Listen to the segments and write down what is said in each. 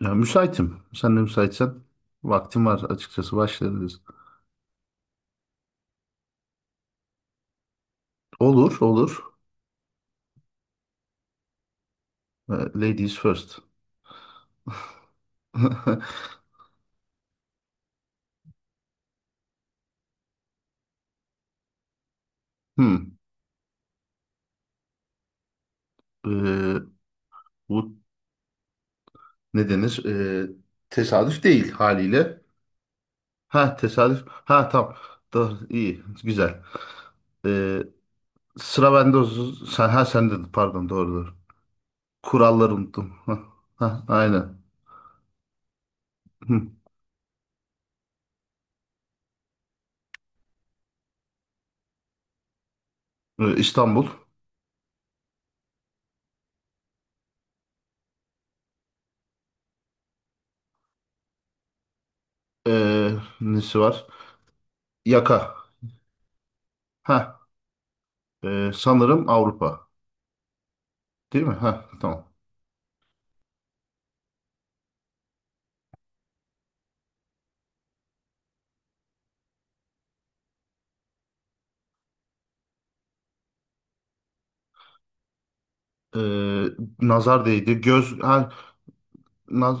Ya, müsaitim. Sen de müsaitsen vaktim var açıkçası başlayabiliriz. Olur, olur. Ladies first. Hmm. ee, bu ne denir? Tesadüf değil haliyle. Ha, tesadüf. Ha, tam. Da, iyi, güzel. Ee, Sıra bende. Sen, ha sende. Pardon, doğru doğru. Kuralları unuttum. Ha, ha, aynen. Hmm. İstanbul. Ee, Nesi var? Yaka. Ha, sanırım Avrupa. Değil mi? Ha, tamam. Ee, Nazar değdi. Göz ha, naz,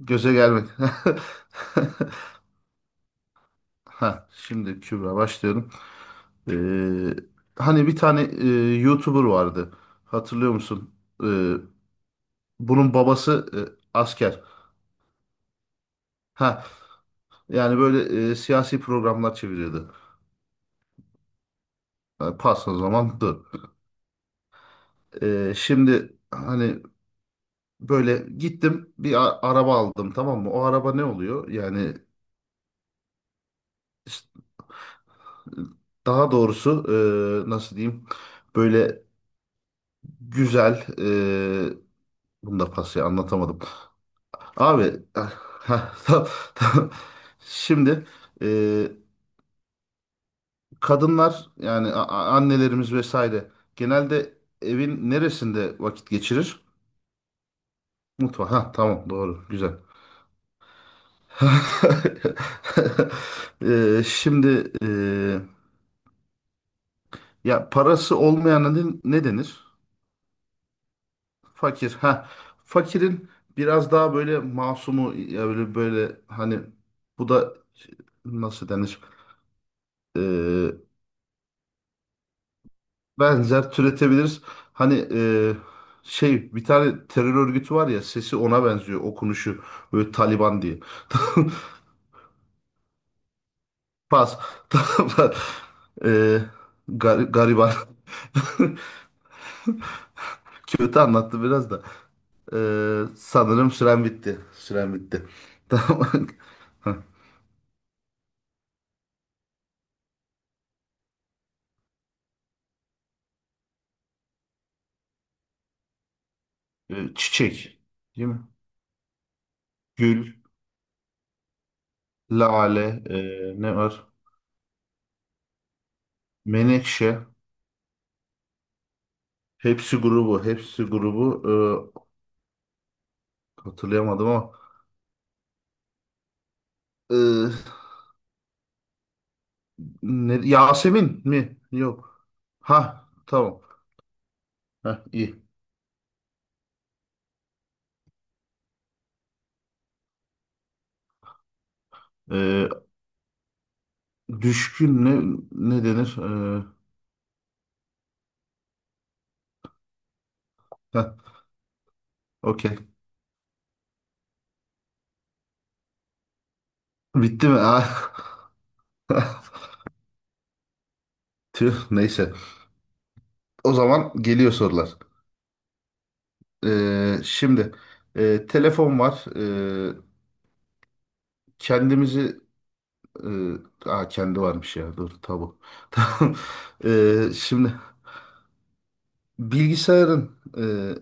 göze gelmedi. Ha, şimdi Kübra başlıyorum. Ee, Hani bir tane YouTuber vardı. Hatırlıyor musun? Ee, Bunun babası asker. Ha, yani böyle siyasi programlar çeviriyordu. Ha, pas o zaman dur. Şimdi hani böyle gittim bir araba aldım, tamam mı? O araba ne oluyor? Yani daha doğrusu, nasıl diyeyim? Böyle güzel bunu da pası anlatamadım. Abi ah, heh, tam. Şimdi e, kadınlar yani annelerimiz vesaire genelde evin neresinde vakit geçirir? Mutfağı. Ha, tamam, doğru, güzel. E, şimdi ya parası olmayana ne denir? Fakir. Ha. Fakirin biraz daha böyle masumu ya, böyle hani bu da nasıl denir? Ee, Benzer türetebiliriz. Hani şey, bir tane terör örgütü var ya, sesi ona benziyor, okunuşu böyle Taliban diye. Pas. Tamam. Ee, Gariban. Kötü anlattı biraz da. Sanırım süren bitti. Süren bitti. Tamam. Ha, e, çiçek. Değil mi? Gül, lale, e, ne var? Menekşe. Hepsi grubu. Hepsi grubu. Hatırlayamadım ama. E, Yasemin mi? Yok. Ha, tamam. Ha, iyi. E, düşkün ne, ne denir? E, heh, okey. Bitti mi? Ah. Tüh, neyse. O zaman geliyor sorular. E, Şimdi telefon var. Kendimizi Ee, aa, kendi varmış ya. Dur, tabu. Tamam. Şimdi bilgisayarın e,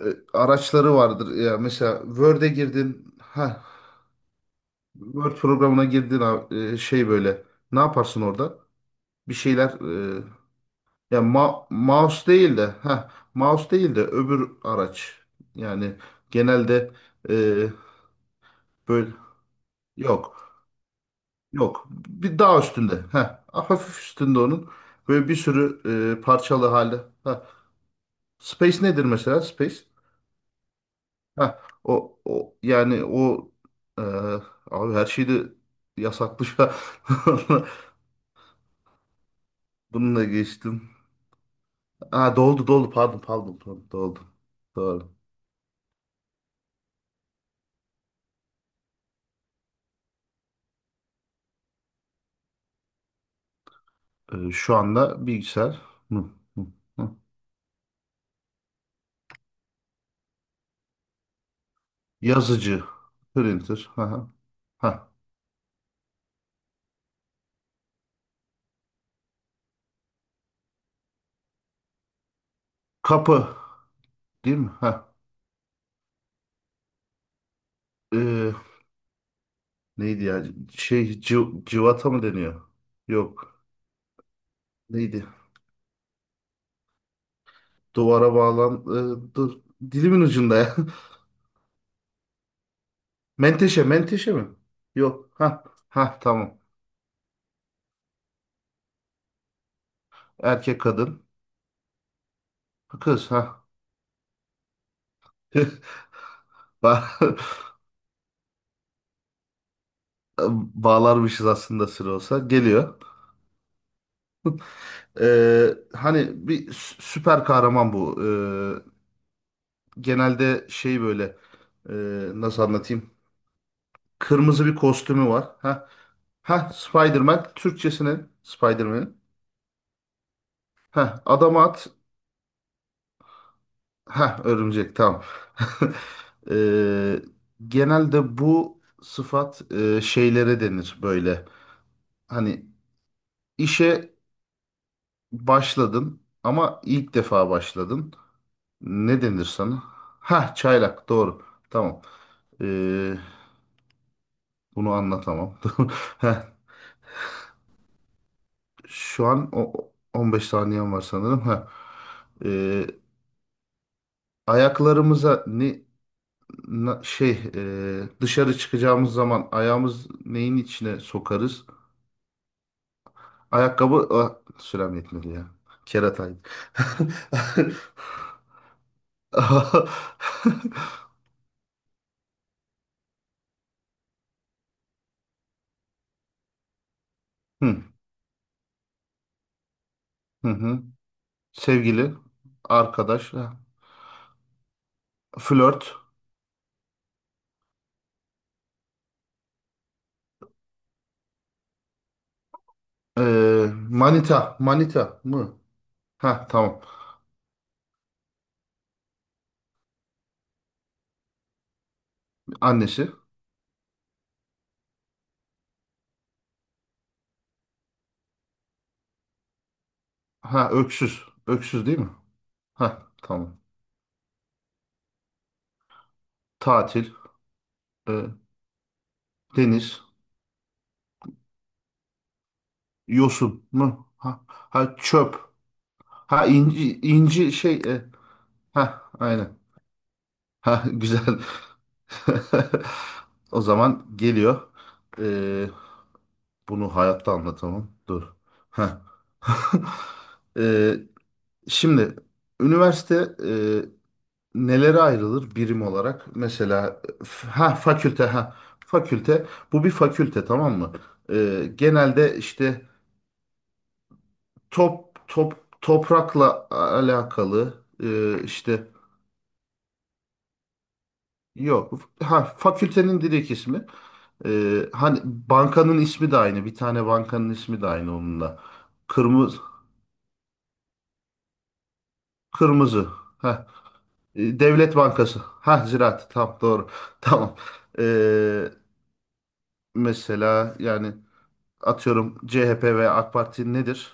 araçları vardır. Ya mesela Word'e girdin. Ha, Word programına girdin abi, şey böyle. Ne yaparsın orada? Bir şeyler e, ya mouse değil de, ha mouse değil de öbür araç. Yani genelde e, böyle yok. Yok. Bir daha üstünde. Ha, hafif üstünde onun. Böyle bir sürü parçalı hali. Space nedir mesela? Space. Ha, o yani o e, abi her şey de yasaklı şu an. Bununla geçtim. Ha, doldu doldu, pardon, doldu. Doğru. Şu anda bilgisayar mı? Hı, hı. Yazıcı. Printer. Ha, ha. Ha. Kapı değil mi? Ha. E, neydi ya? Şey, civata mı deniyor? Yok. Neydi? Duvara bağlan... e, dur. Dilimin ucunda ya. Menteşe, menteşe mi? Yok. Ha, ha, tamam. Erkek, kadın, kız. Ha. Ba- Bağlarmışız aslında sıra olsa. Geliyor. Hani bir süper kahraman bu. Genelde şey böyle, e, nasıl anlatayım? Kırmızı bir kostümü var. Ha. Ha, Spider-Man, Türkçesine Spider-Man'in. Ha, adam at. Ha, örümcek, tamam. Eee, genelde bu sıfat şeylere denir böyle. Hani işe başladın ama ilk defa başladın. Ne denir sana? Ha, çaylak, doğru. Tamam. Eee, Bunu anlatamam. Heh, şu an o, 15 saniyem var sanırım. Ha. Eee, Ayaklarımıza ne şey dışarı çıkacağımız zaman ayağımız neyin içine sokarız? Ayakkabı ah, sürem yetmedi ya. Kerataydı. Hı, hı hı. Sevgili, arkadaş, ha. Flört, e, manita, manita mı? Ha, tamam. Annesi. Ha, öksüz. Öksüz değil mi? Ha, tamam. Tatil, e, deniz, yosun mu? Ha, ha, çöp. Ha, inci inci şey ha, aynen. Ha, güzel. O zaman geliyor. Ee, Bunu hayatta anlatamam. Dur. Ha. Ee, Şimdi üniversite e, nelere ayrılır birim olarak? Mesela ha fakülte ha fakülte. Bu bir fakülte tamam mı? Genelde işte toprakla alakalı işte yok. Ha, fakültenin direkt ismi. Hani bankanın ismi de aynı. Bir tane bankanın ismi de aynı onunla. Kırmızı. Kırmızı. Ha, e, Devlet Bankası. Ha, Ziraat. Tamam, doğru. Tamam. Ee, Mesela yani atıyorum, CHP ve AK Parti nedir?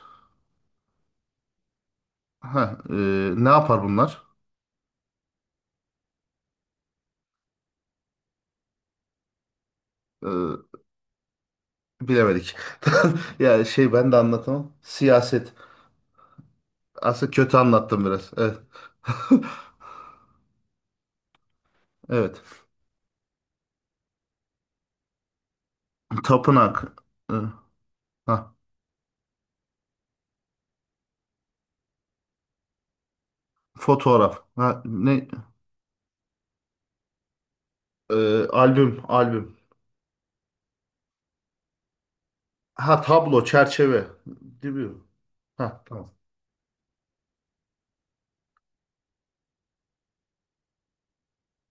Ha, e, ne yapar bunlar? Ee, Bilemedik. Ya, şey, ben de anlatamam. Siyaset. Aslında kötü anlattım biraz. Evet. Evet. Tapınak. Ee, Ha, fotoğraf. Ha, ne? Albüm. Ha, tablo, çerçeve. Değil mi? Ha, tamam.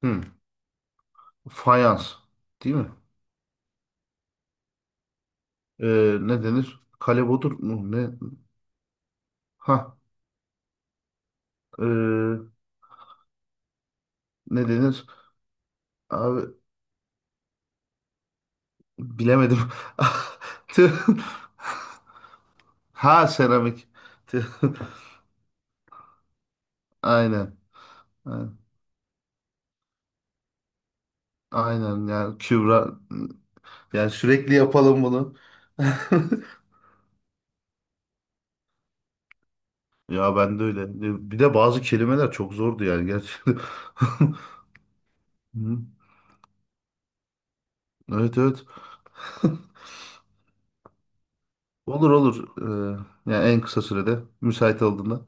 Hı. Fayans. Değil mi? Ne denir? Kalebodur mu? Ne? Ha, ee, ne denir? Abi, bilemedim. Tüh. Ha, seramik. Tüh. Aynen. Aynen. Aynen yani Kübra, yani sürekli yapalım bunu. Ya, ben de öyle. Bir de bazı kelimeler çok zordu yani, gerçi. Hı. Evet, evet. Olur, olur. Yani en kısa sürede müsait olduğunda.